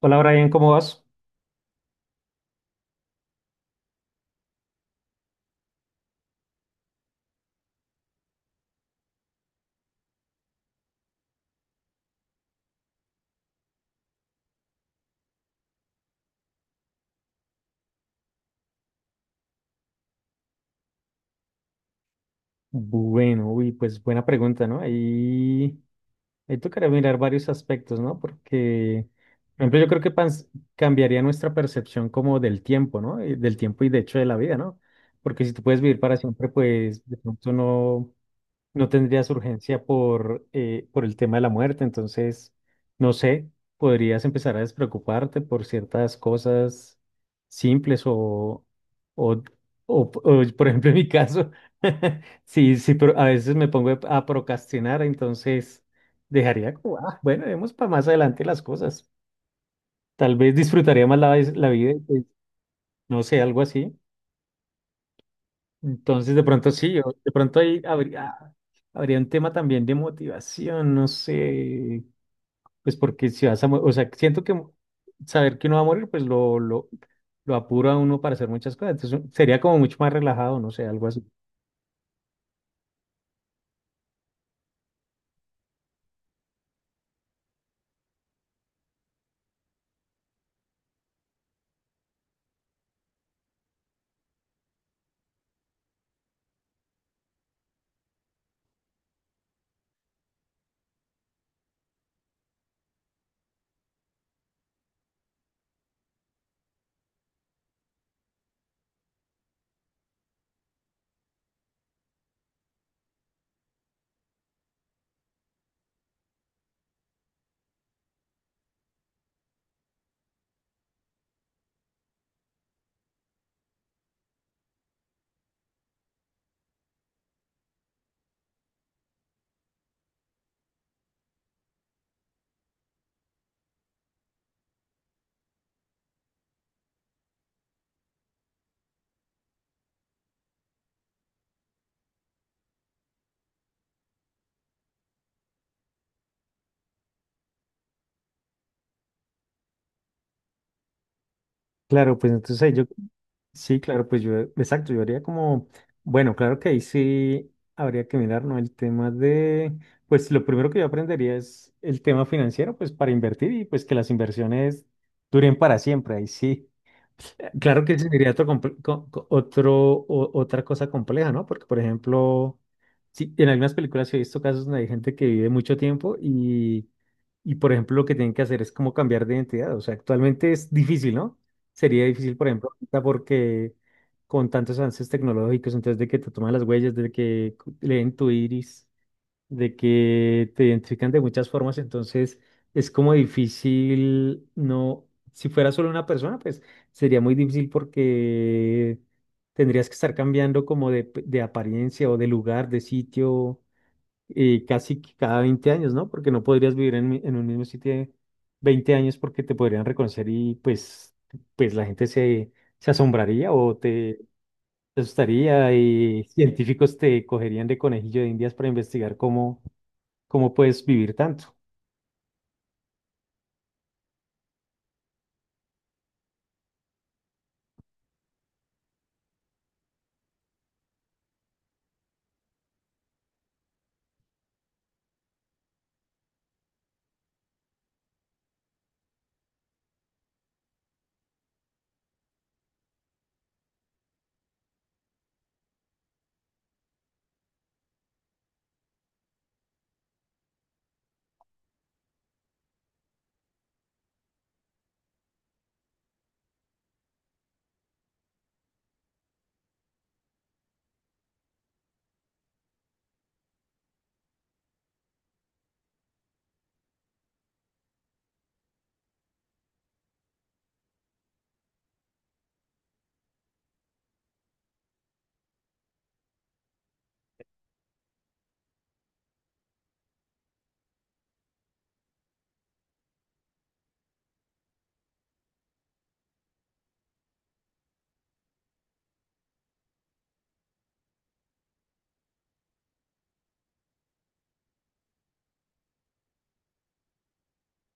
Hola Brian, ¿cómo vas? Bueno, uy, pues buena pregunta, ¿no? Ahí tocaría mirar varios aspectos, ¿no? Porque, por ejemplo, yo creo que cambiaría nuestra percepción como del tiempo, ¿no? Y del tiempo y de hecho de la vida, ¿no? Porque si tú puedes vivir para siempre, pues de pronto no, no tendrías urgencia por el tema de la muerte, entonces, no sé, podrías empezar a despreocuparte por ciertas cosas simples o, o, o por ejemplo, en mi caso, sí, sí, pero a veces me pongo a procrastinar, entonces dejaría como, "Ah, bueno, vemos para más adelante las cosas". Tal vez disfrutaría más la vida, pues, no sé, algo así. Entonces, de pronto sí, de pronto ahí habría un tema también de motivación, no sé, pues porque si vas a, o sea, siento que saber que uno va a morir, pues lo apura a uno para hacer muchas cosas, entonces sería como mucho más relajado, no sé, algo así. Claro, pues entonces ahí yo. Sí, claro, pues yo, exacto, yo haría como, bueno, claro que ahí sí habría que mirar, ¿no? El tema de, pues lo primero que yo aprendería es el tema financiero, pues para invertir y pues que las inversiones duren para siempre, ahí sí. Claro que ese sería otro, otro, otra cosa compleja, ¿no? Porque, por ejemplo, sí, en algunas películas sí he visto casos donde hay gente que vive mucho tiempo y, por ejemplo, lo que tienen que hacer es como cambiar de identidad. O sea, actualmente es difícil, ¿no? Sería difícil, por ejemplo, porque con tantos avances tecnológicos, entonces de que te toman las huellas, de que leen tu iris, de que te identifican de muchas formas, entonces es como difícil, no, si fuera solo una persona, pues sería muy difícil porque tendrías que estar cambiando como de, de apariencia o de lugar, de sitio. Y casi que cada 20 años, ¿no? Porque no podrías vivir en, en un mismo sitio 20 años porque te podrían reconocer y pues, pues la gente se asombraría o te asustaría y científicos te cogerían de conejillo de indias para investigar cómo, cómo puedes vivir tanto,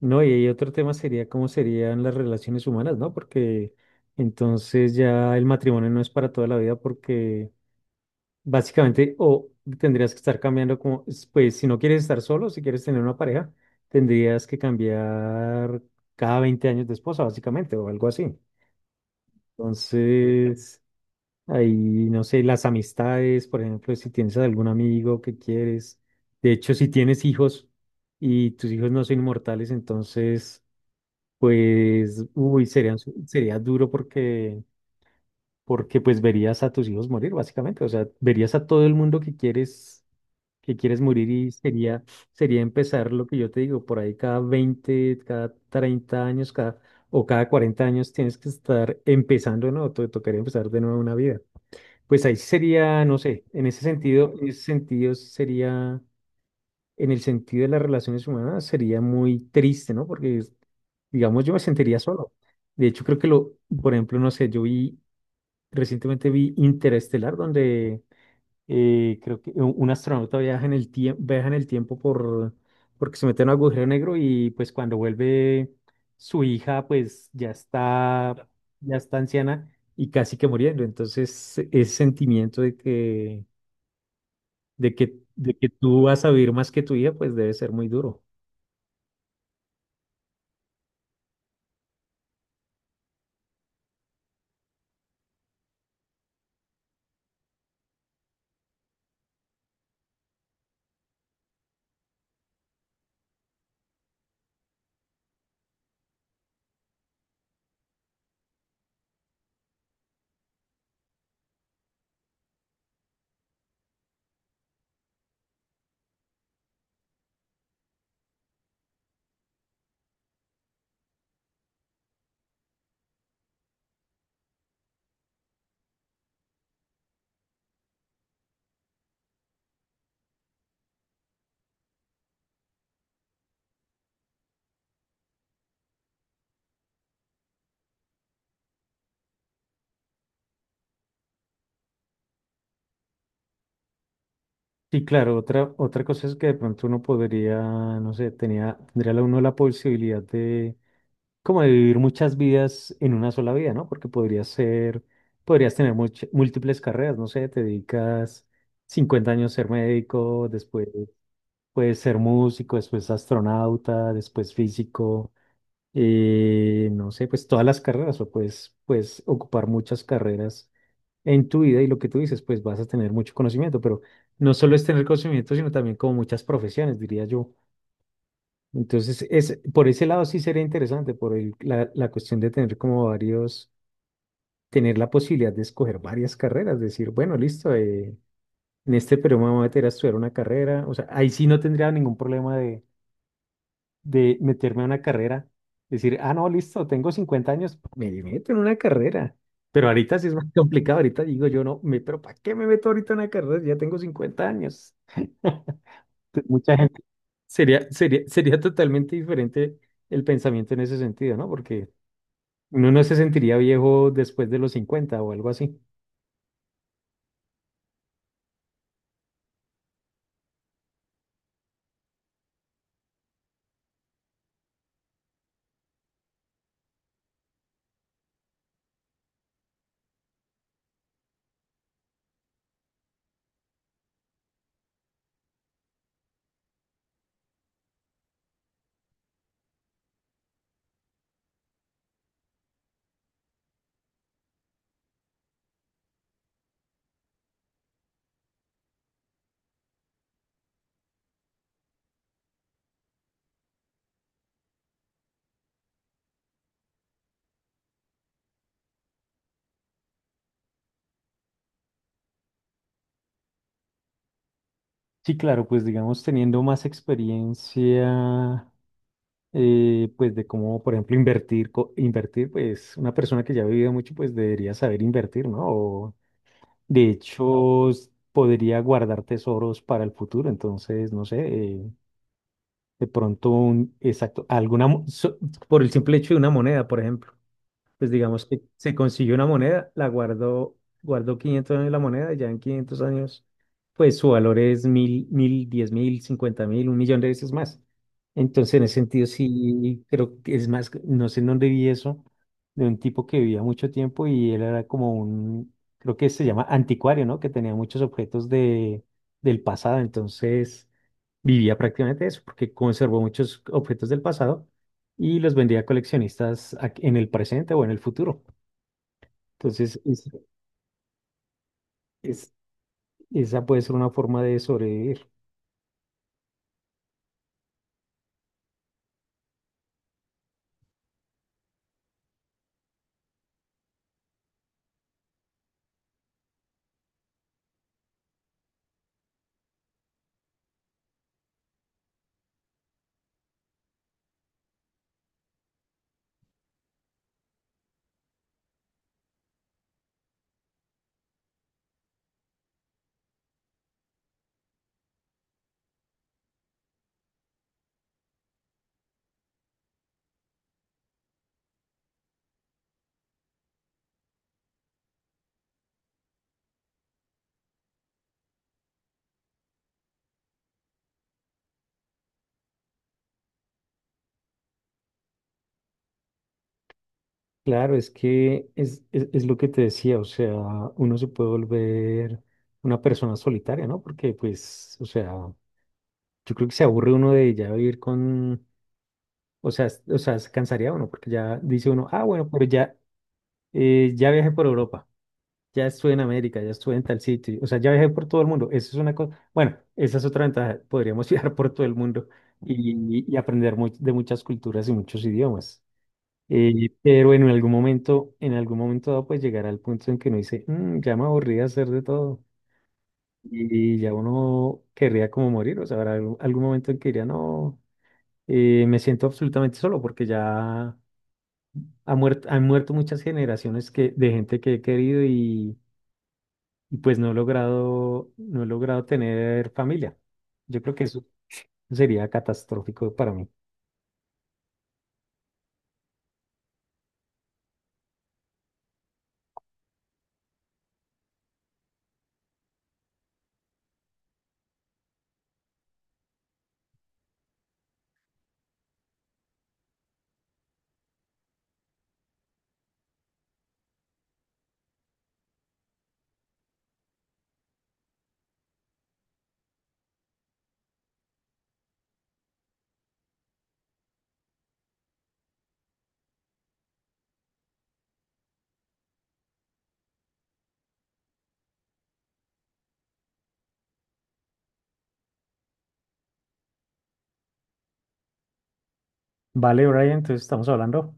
¿no? Y, ahí otro tema sería cómo serían las relaciones humanas, ¿no? Porque entonces ya el matrimonio no es para toda la vida porque. Básicamente, o tendrías que estar cambiando como, pues si no quieres estar solo, si quieres tener una pareja, tendrías que cambiar cada 20 años de esposa, básicamente, o algo así. Entonces, ahí, no sé, las amistades, por ejemplo, si tienes algún amigo que quieres, de hecho, si tienes hijos y tus hijos no son inmortales, entonces, pues, uy, serían, sería duro porque, porque pues verías a tus hijos morir, básicamente, o sea, verías a todo el mundo que quieres morir y sería, sería empezar lo que yo te digo, por ahí cada 20 cada 30 años, cada, o cada 40 años tienes que estar empezando, ¿no? Te tocaría empezar de nuevo una vida. Pues ahí sería, no sé, en ese sentido, en el sentido de las relaciones humanas, sería muy triste, ¿no? Porque, digamos, yo me sentiría solo. De hecho, creo que lo, por ejemplo, no sé, recientemente vi Interestelar, donde creo que un astronauta viaja en el tiempo, viaja en el tiempo por, porque se mete en un agujero negro y pues cuando vuelve su hija pues ya está anciana y casi que muriendo. Entonces ese sentimiento de que, de que tú vas a vivir más que tu hija pues debe ser muy duro. Sí, claro, otra, otra cosa es que de pronto uno podría, no sé, tendría uno la posibilidad de como de vivir muchas vidas en una sola vida, ¿no? Porque podrías ser, podrías tener múltiples carreras, no sé, te dedicas 50 años a ser médico, después puedes ser músico, después astronauta, después físico, no sé, pues todas las carreras, o puedes, puedes ocupar muchas carreras en tu vida y lo que tú dices, pues vas a tener mucho conocimiento, pero no solo es tener conocimiento, sino también como muchas profesiones, diría yo. Entonces, es, por ese lado sí sería interesante, por la cuestión de tener como varios, tener la posibilidad de escoger varias carreras, decir, bueno, listo, en este periodo me voy a meter a estudiar una carrera, o sea, ahí sí no tendría ningún problema de meterme a una carrera, decir, ah, no, listo, tengo 50 años, me meto en una carrera, pero ahorita sí es más complicado, ahorita digo yo, no, me, pero ¿para qué me meto ahorita en una carrera? Si ya tengo 50 años. Mucha gente. Sería totalmente diferente el pensamiento en ese sentido, ¿no? Porque uno no se sentiría viejo después de los 50 o algo así. Sí, claro, pues digamos teniendo más experiencia, pues de cómo, por ejemplo, invertir, invertir, pues una persona que ya ha vivido mucho, pues debería saber invertir, ¿no? O, de hecho, podría guardar tesoros para el futuro, entonces, no sé, de pronto un, exacto, alguna, por el simple hecho de una moneda, por ejemplo. Pues digamos que se consiguió una moneda, la guardó, guardó 500 años la moneda, y ya en 500 años, pues su valor es 1000, 1000, 10.000, 50.000, un millón de veces más. Entonces, en ese sentido, sí, creo que es más, no sé en dónde vi eso, de un tipo que vivía mucho tiempo y él era como un, creo que se llama anticuario, ¿no? Que tenía muchos objetos de, del pasado. Entonces, vivía prácticamente de eso, porque conservó muchos objetos del pasado y los vendía a coleccionistas en el presente o en el futuro. Entonces, es- esa puede ser una forma de sobrevivir. Claro, es que es lo que te decía, o sea, uno se puede volver una persona solitaria, ¿no? Porque, pues, o sea, yo creo que se aburre uno de ya vivir con, o sea, se cansaría uno, porque ya dice uno, ah, bueno, pero ya, ya viajé por Europa. Ya estuve en América, ya estuve en tal sitio. O sea, ya viajé por todo el mundo. Eso es una cosa. Bueno, esa es otra ventaja. Podríamos viajar por todo el mundo y aprender de muchas culturas y muchos idiomas. Pero en algún momento dado, pues llegará el punto en que uno dice, "Mm, ya me aburrí de hacer de todo". Y ya uno querría como morir. O sea, habrá algún, algún momento en que diría, no, me siento absolutamente solo porque ya han muerto muchas generaciones que, de gente que he querido y pues no he logrado tener familia. Yo creo que eso sería catastrófico para mí. Vale, Brian, entonces estamos hablando.